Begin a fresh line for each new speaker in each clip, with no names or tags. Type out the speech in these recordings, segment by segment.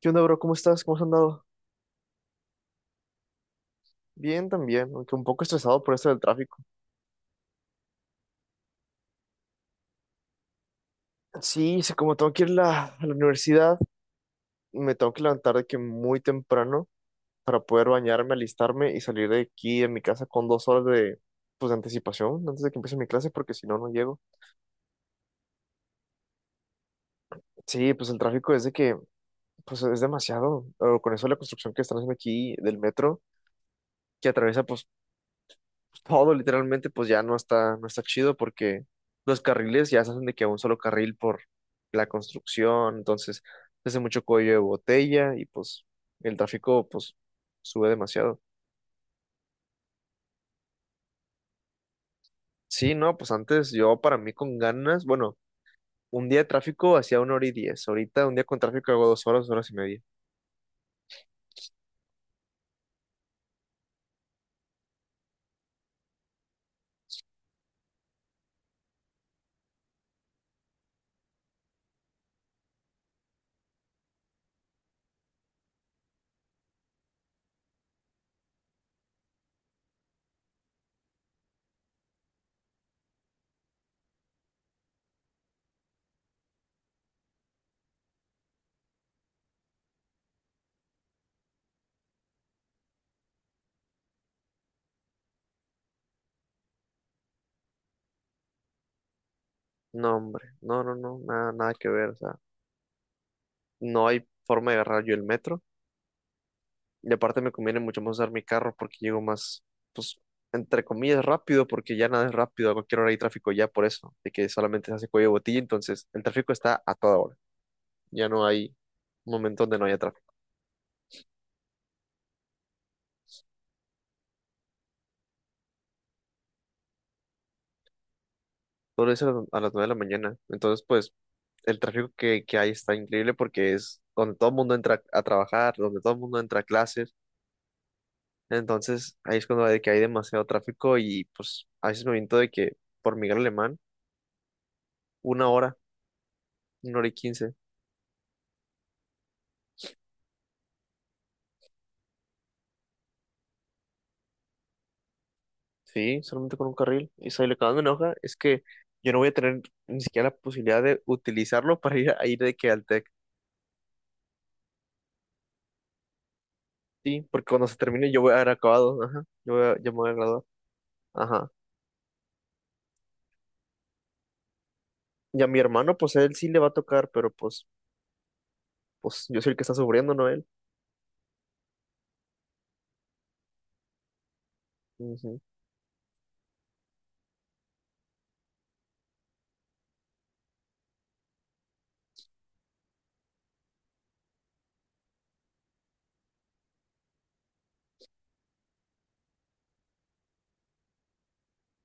¿Qué onda, bro? ¿Cómo estás? ¿Cómo has andado? Bien también, aunque un poco estresado por esto del tráfico. Sí, sí, como tengo que ir a la universidad, me tengo que levantar de que muy temprano para poder bañarme, alistarme y salir de aquí de mi casa con dos horas de, pues, de anticipación antes de que empiece mi clase, porque si no, no llego. Sí, pues el tráfico es pues es demasiado. O con eso la construcción que están haciendo aquí del metro, que atraviesa, pues, todo literalmente, pues ya no está chido porque los carriles ya se hacen de que un solo carril por la construcción, entonces se hace mucho cuello de botella y pues el tráfico pues sube demasiado. Sí, no, pues antes yo para mí con ganas, bueno, un día de tráfico hacía una hora y diez, ahorita un día con tráfico hago dos horas y media. No, hombre, no, no, no, nada, nada que ver, o sea, no hay forma de agarrar yo el metro. Y aparte me conviene mucho más usar mi carro porque llego más, pues, entre comillas, rápido, porque ya nada es rápido, a cualquier hora hay tráfico ya por eso, de que solamente se hace cuello de botella, entonces el tráfico está a toda hora, ya no hay un momento donde no haya tráfico. Todo eso a las nueve de la mañana, entonces pues el tráfico que hay está increíble porque es donde todo el mundo entra a trabajar, donde todo el mundo entra a clases, entonces ahí es cuando de que hay demasiado tráfico y pues a veces me aviento de que por Miguel Alemán, una hora, una hora y quince. Sí, solamente con un carril. Y si lo que más me enoja es que yo no voy a tener ni siquiera la posibilidad de utilizarlo para ir de que al TEC. Sí, porque cuando se termine yo voy a haber acabado. Ajá. Ya me voy a graduar. Ajá. Y a mi hermano, pues a él sí le va a tocar, pero pues, pues yo soy el que está sufriendo, ¿no él? Ujú.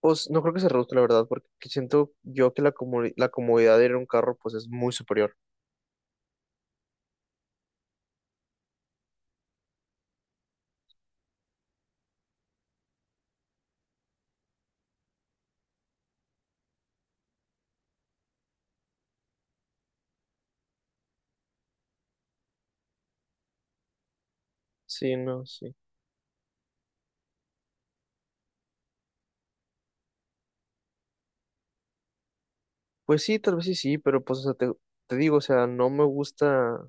Pues no creo que se reduzca, la verdad, porque siento yo la comodidad de ir en un carro, pues es muy superior. Sí, no, sí. Pues sí, tal vez sí, sí, pero pues, o sea, te digo, o sea, no me gusta.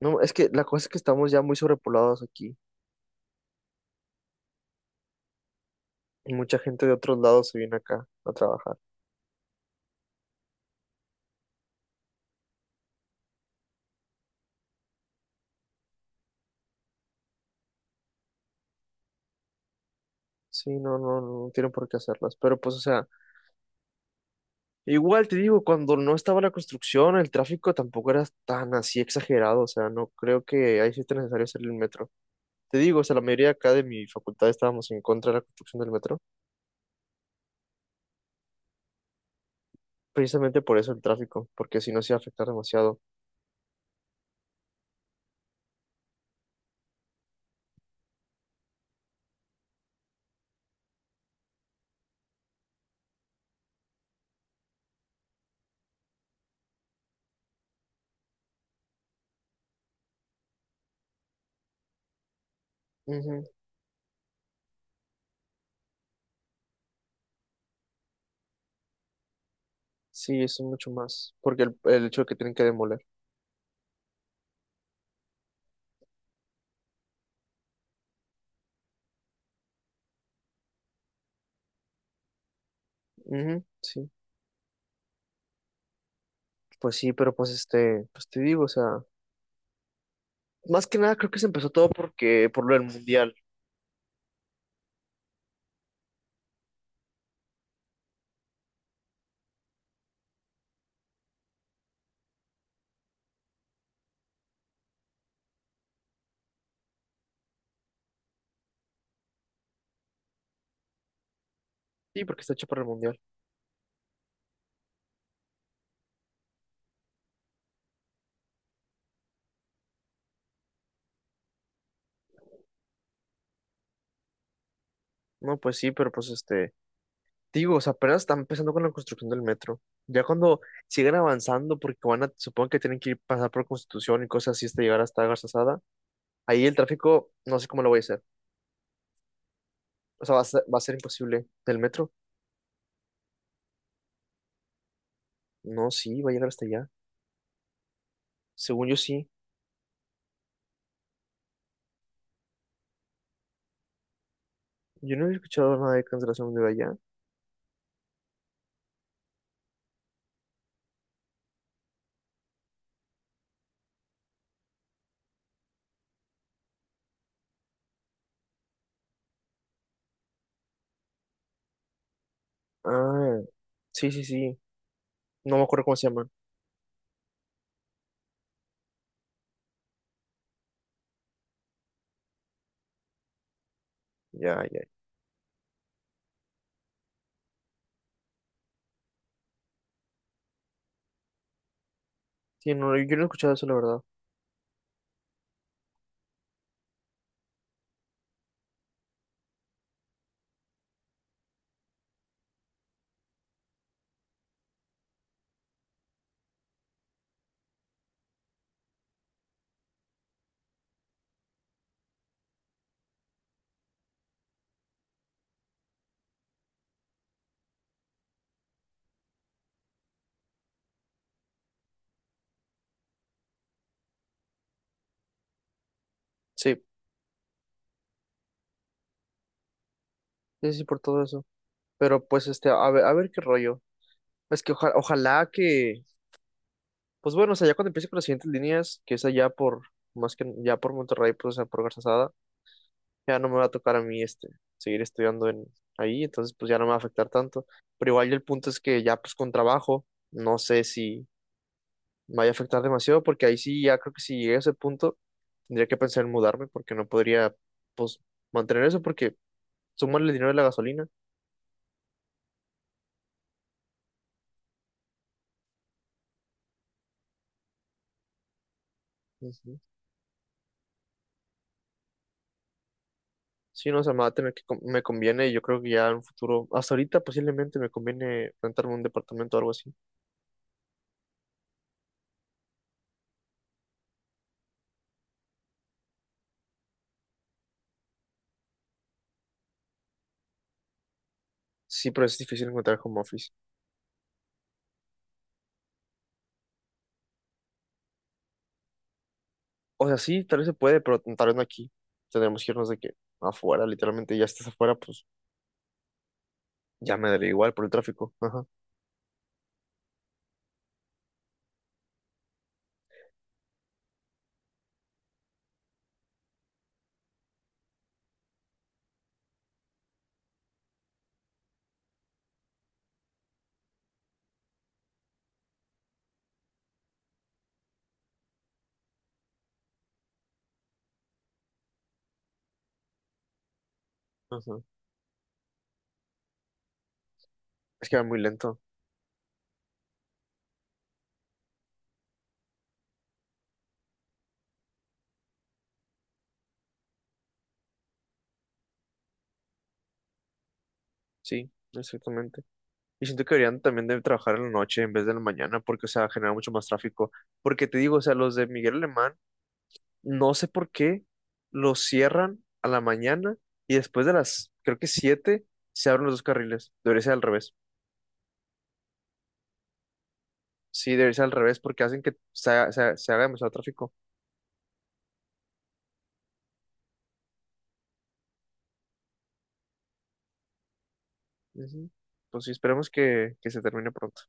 No, es que la cosa es que estamos ya muy sobrepoblados aquí. Y mucha gente de otros lados se viene acá a trabajar. Sí, no, no, no tienen por qué hacerlas. Pero pues, o sea, igual te digo, cuando no estaba la construcción, el tráfico tampoco era tan así exagerado. O sea, no creo que ahí sí esté necesario hacer el metro. Te digo, o sea, la mayoría acá de mi facultad estábamos en contra de la construcción del metro, precisamente por eso el tráfico, porque si no se iba a afectar demasiado. Ujú. Sí, eso es mucho más, porque el hecho de que tienen que demoler. Ujú. Sí, pues sí, pero pues este, pues te digo, o sea, más que nada creo que se empezó todo porque por lo del mundial. Sí, porque está hecho para el mundial. No, pues sí, pero pues este, digo, o sea, apenas están empezando con la construcción del metro. Ya cuando sigan avanzando, porque van a, supongo que tienen que ir pasar por Constitución y cosas así hasta llegar hasta Garzasada, ahí el tráfico, no sé cómo lo voy a hacer. O sea, va a ser imposible. ¿Del metro? No, sí, va a llegar hasta allá. Según yo sí. Yo no he escuchado nada de cancelación de allá. Ah, sí, sí, sí. No me acuerdo cómo se llaman. Ya, ya. Sí, no, yo no he escuchado eso, la verdad. Sí, sí, sí, por todo eso. Pero pues este, a ver qué rollo. Es que ojalá que, pues bueno, o sea, ya cuando empiece con las siguientes líneas, que es allá por, más que ya por Monterrey, pues, o sea, por Garzasada, ya no me va a tocar a mí, este, seguir estudiando en ahí, entonces, pues, ya no me va a afectar tanto. Pero igual el punto es que ya, pues, con trabajo, no sé si me vaya a afectar demasiado, porque ahí sí, ya creo que si llegué a ese punto, tendría que pensar en mudarme, porque no podría, pues, mantener eso, porque sumarle el dinero de la gasolina. Ujú. Sí, no, o sea, me va a tener me conviene y yo creo que ya en un futuro, hasta ahorita posiblemente me conviene rentarme un departamento o algo así. Sí, pero es difícil encontrar home office. O sea, sí, tal vez se puede, pero tal vez no aquí. Tendremos que irnos de que afuera, literalmente ya estás afuera, pues ya me daría igual por el tráfico. Ajá, ajá. Es que va muy lento. Sí, exactamente. Y siento que deberían también de trabajar en la noche en vez de en la mañana, porque, o sea, genera mucho más tráfico. Porque te digo, o sea, los de Miguel Alemán, no sé por qué lo cierran a la mañana y después de las, creo que siete, se abren los dos carriles. Debería ser al revés. Sí, debería ser al revés porque hacen que se, haga- se, haga se haga demasiado tráfico. Ujú. Pues sí, esperemos que se termine pronto.